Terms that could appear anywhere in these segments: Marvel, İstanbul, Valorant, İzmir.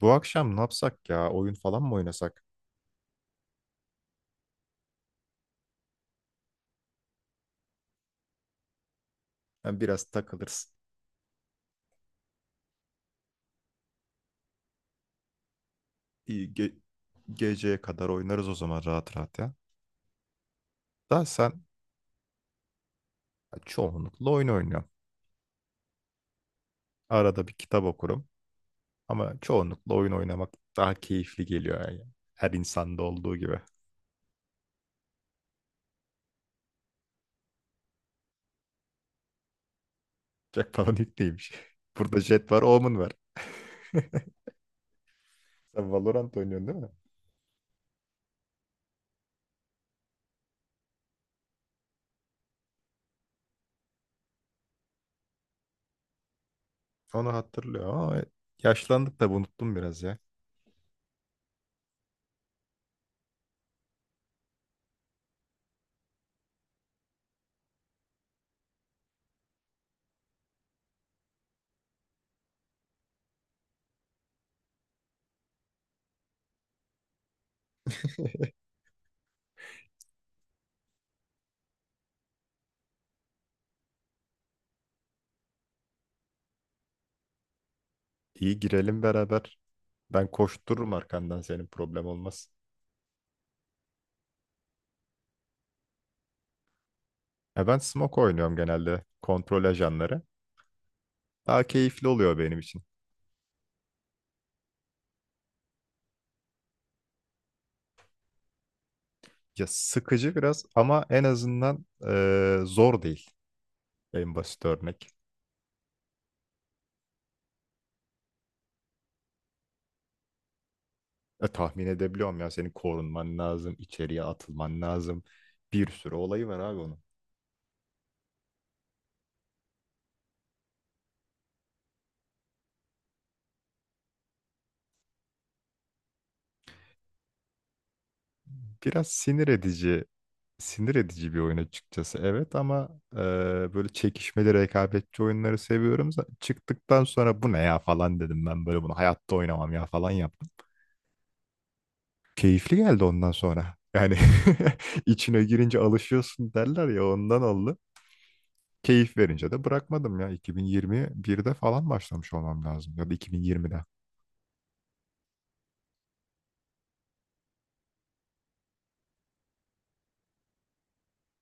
Bu akşam ne yapsak ya? Oyun falan mı oynasak? Hem biraz takılırız. İyi, geceye kadar oynarız o zaman rahat rahat ya. Da sen çoğunlukla oyun oynuyorsun. Arada bir kitap okurum. Ama çoğunlukla oyun oynamak daha keyifli geliyor yani. Her insanda olduğu gibi. Jack falan ilk neymiş? Burada Jet var, Omen var. Sen Valorant oynuyorsun değil mi? Onu hatırlıyor ama yaşlandık da unuttum biraz ya. İyi girelim beraber. Ben koştururum arkandan senin problem olmaz. Ya ben smoke oynuyorum genelde kontrol ajanları. Daha keyifli oluyor benim için. Ya sıkıcı biraz ama en azından zor değil en basit örnek. E, tahmin edebiliyorum ya senin korunman lazım, içeriye atılman lazım. Bir sürü olayı var abi onun. Biraz sinir edici bir oyun açıkçası. Evet ama e, böyle çekişmeli, rekabetçi oyunları seviyorum. Çıktıktan sonra bu ne ya falan dedim ben böyle bunu hayatta oynamam ya falan yaptım. Keyifli geldi ondan sonra. Yani içine girince alışıyorsun derler ya ondan oldu. Keyif verince de bırakmadım ya. 2021'de falan başlamış olmam lazım ya da 2020'de.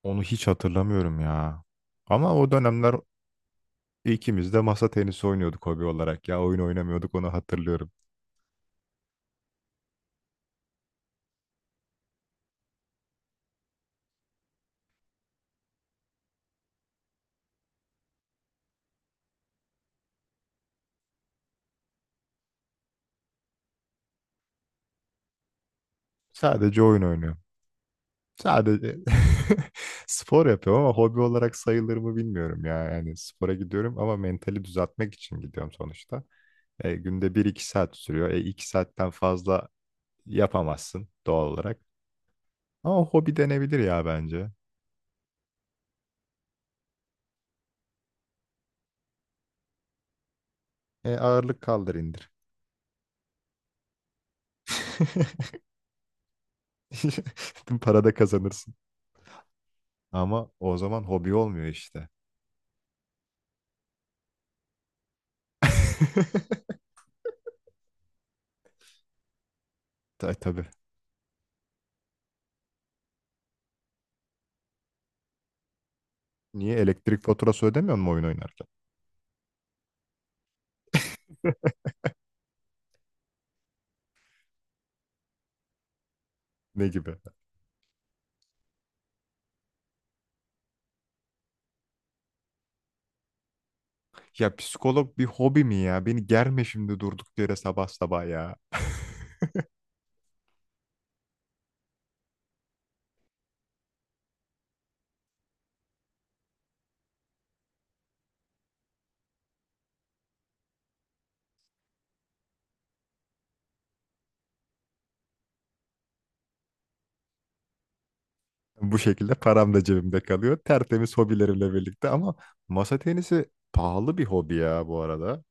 Onu hiç hatırlamıyorum ya. Ama o dönemler İkimiz de masa tenisi oynuyorduk hobi olarak ya. Oyun oynamıyorduk onu hatırlıyorum. Sadece oyun oynuyorum. Sadece spor yapıyorum ama hobi olarak sayılır mı bilmiyorum ya. Yani spora gidiyorum ama mentali düzeltmek için gidiyorum sonuçta. E, günde bir iki saat sürüyor. E, 2 saatten fazla yapamazsın doğal olarak. Ama hobi denebilir ya bence. E, ağırlık kaldır indir. Para da kazanırsın. Ama o zaman hobi olmuyor işte. Tabii. Niye elektrik faturası ödemiyor mu oyun oynarken? Ne gibi? Ya psikolog bir hobi mi ya? Beni germe şimdi durduk yere sabah sabah ya. Bu şekilde param da cebimde kalıyor. Tertemiz hobilerimle birlikte ama masa tenisi pahalı bir hobi ya bu arada.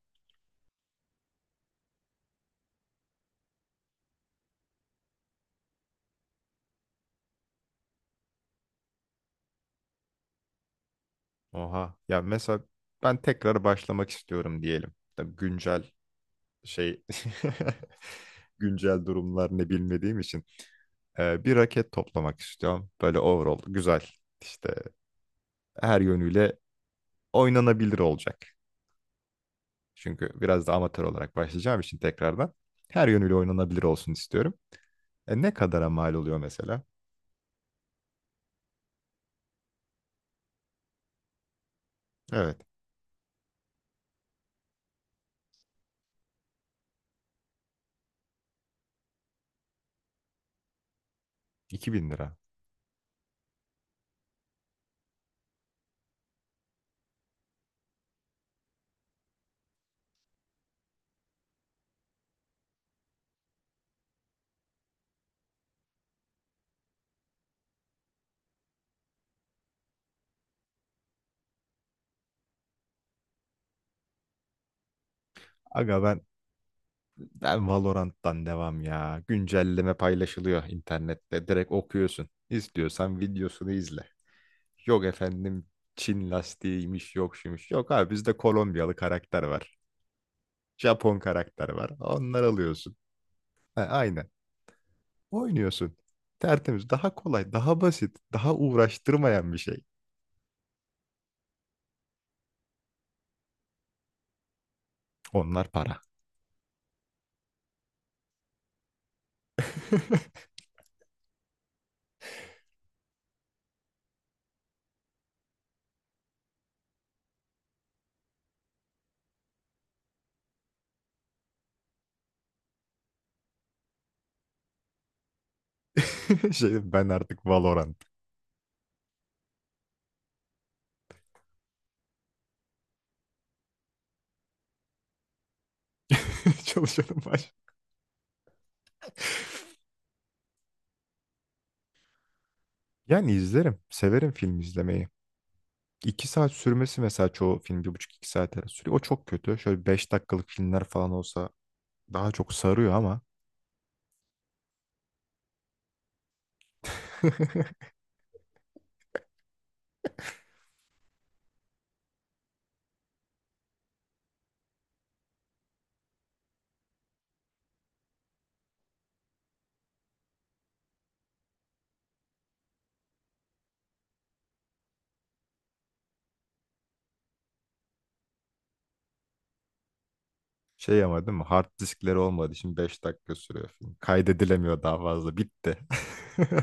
Oha. Ya mesela ben tekrar başlamak istiyorum diyelim. Tabii güncel şey güncel durumlar ne bilmediğim için. Bir raket toplamak istiyorum. Böyle overall güzel işte her yönüyle oynanabilir olacak. Çünkü biraz da amatör olarak başlayacağım için tekrardan her yönüyle oynanabilir olsun istiyorum. E, ne kadara mal oluyor mesela? Evet 2.000 lira. Aga ben Valorant'tan devam ya. Güncelleme paylaşılıyor internette. Direkt okuyorsun. İstiyorsan videosunu izle. Yok efendim Çin lastiğiymiş yok şuymuş. Yok abi bizde Kolombiyalı karakter var. Japon karakter var. Onlar alıyorsun. Ha, aynen. Oynuyorsun. Tertemiz. Daha kolay, daha basit, daha uğraştırmayan bir şey. Onlar para. Şey, ben artık Valorant çalışanım var. Yani izlerim. Severim film izlemeyi. İki saat sürmesi mesela çoğu film bir buçuk iki saat arası sürüyor. O çok kötü. Şöyle 5 dakikalık filmler falan olsa daha çok sarıyor ama şey ama değil mi? Hard diskleri olmadı, şimdi 5 dakika sürüyor film. Kaydedilemiyor daha fazla. Bitti.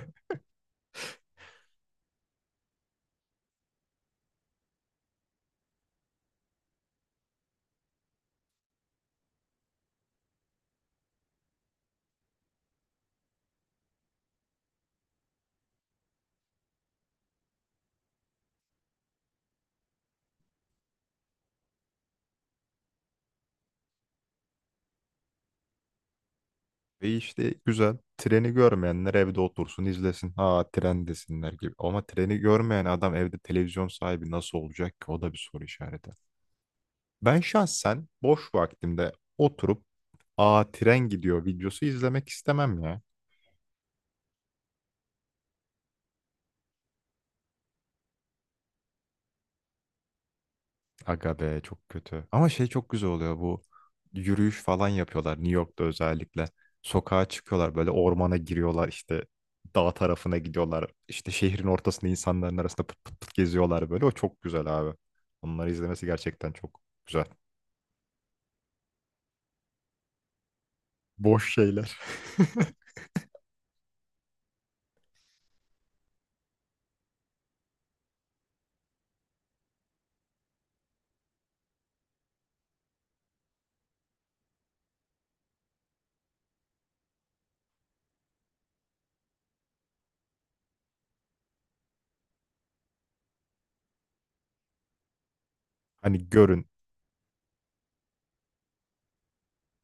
Ve işte güzel. Treni görmeyenler evde otursun izlesin. Ha tren desinler gibi. Ama treni görmeyen adam evde televizyon sahibi nasıl olacak ki? O da bir soru işareti. Ben şahsen boş vaktimde oturup aa tren gidiyor videosu izlemek istemem ya. Aga be çok kötü. Ama şey çok güzel oluyor bu yürüyüş falan yapıyorlar New York'ta özellikle. Sokağa çıkıyorlar böyle ormana giriyorlar işte dağ tarafına gidiyorlar. İşte şehrin ortasında insanların arasında pıt pıt pıt geziyorlar böyle. O çok güzel abi. Onları izlemesi gerçekten çok güzel. Boş şeyler. Hani görün.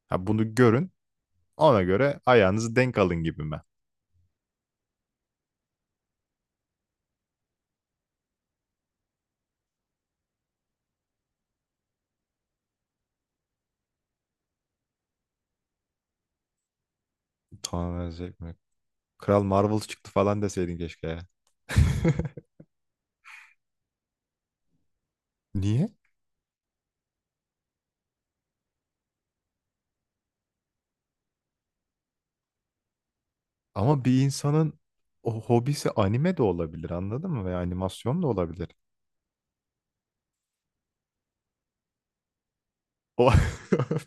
Ha bunu görün. Ona göre ayağınızı denk alın gibi mi? Tamamen zevk mi? Kral Marvel çıktı falan deseydin keşke ya. Niye? Ama bir insanın o hobisi anime de olabilir anladın mı? Veya animasyon da olabilir. O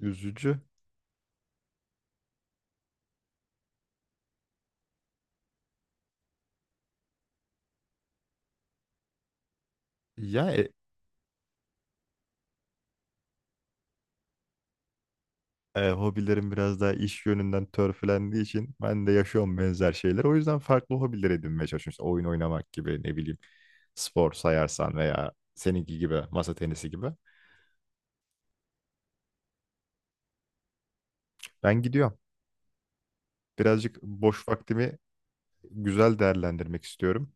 üzücü. Ya hobilerim biraz daha iş yönünden törpülendiği için ben de yaşıyorum benzer şeyler. O yüzden farklı hobiler edinmeye çalışıyorum. İşte oyun oynamak gibi ne bileyim spor sayarsan veya seninki gibi masa tenisi gibi. Ben gidiyorum. Birazcık boş vaktimi güzel değerlendirmek istiyorum.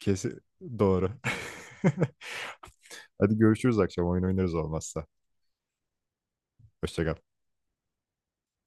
Kesin doğru. Hadi görüşürüz akşam oyun oynarız olmazsa. Hoşça kal.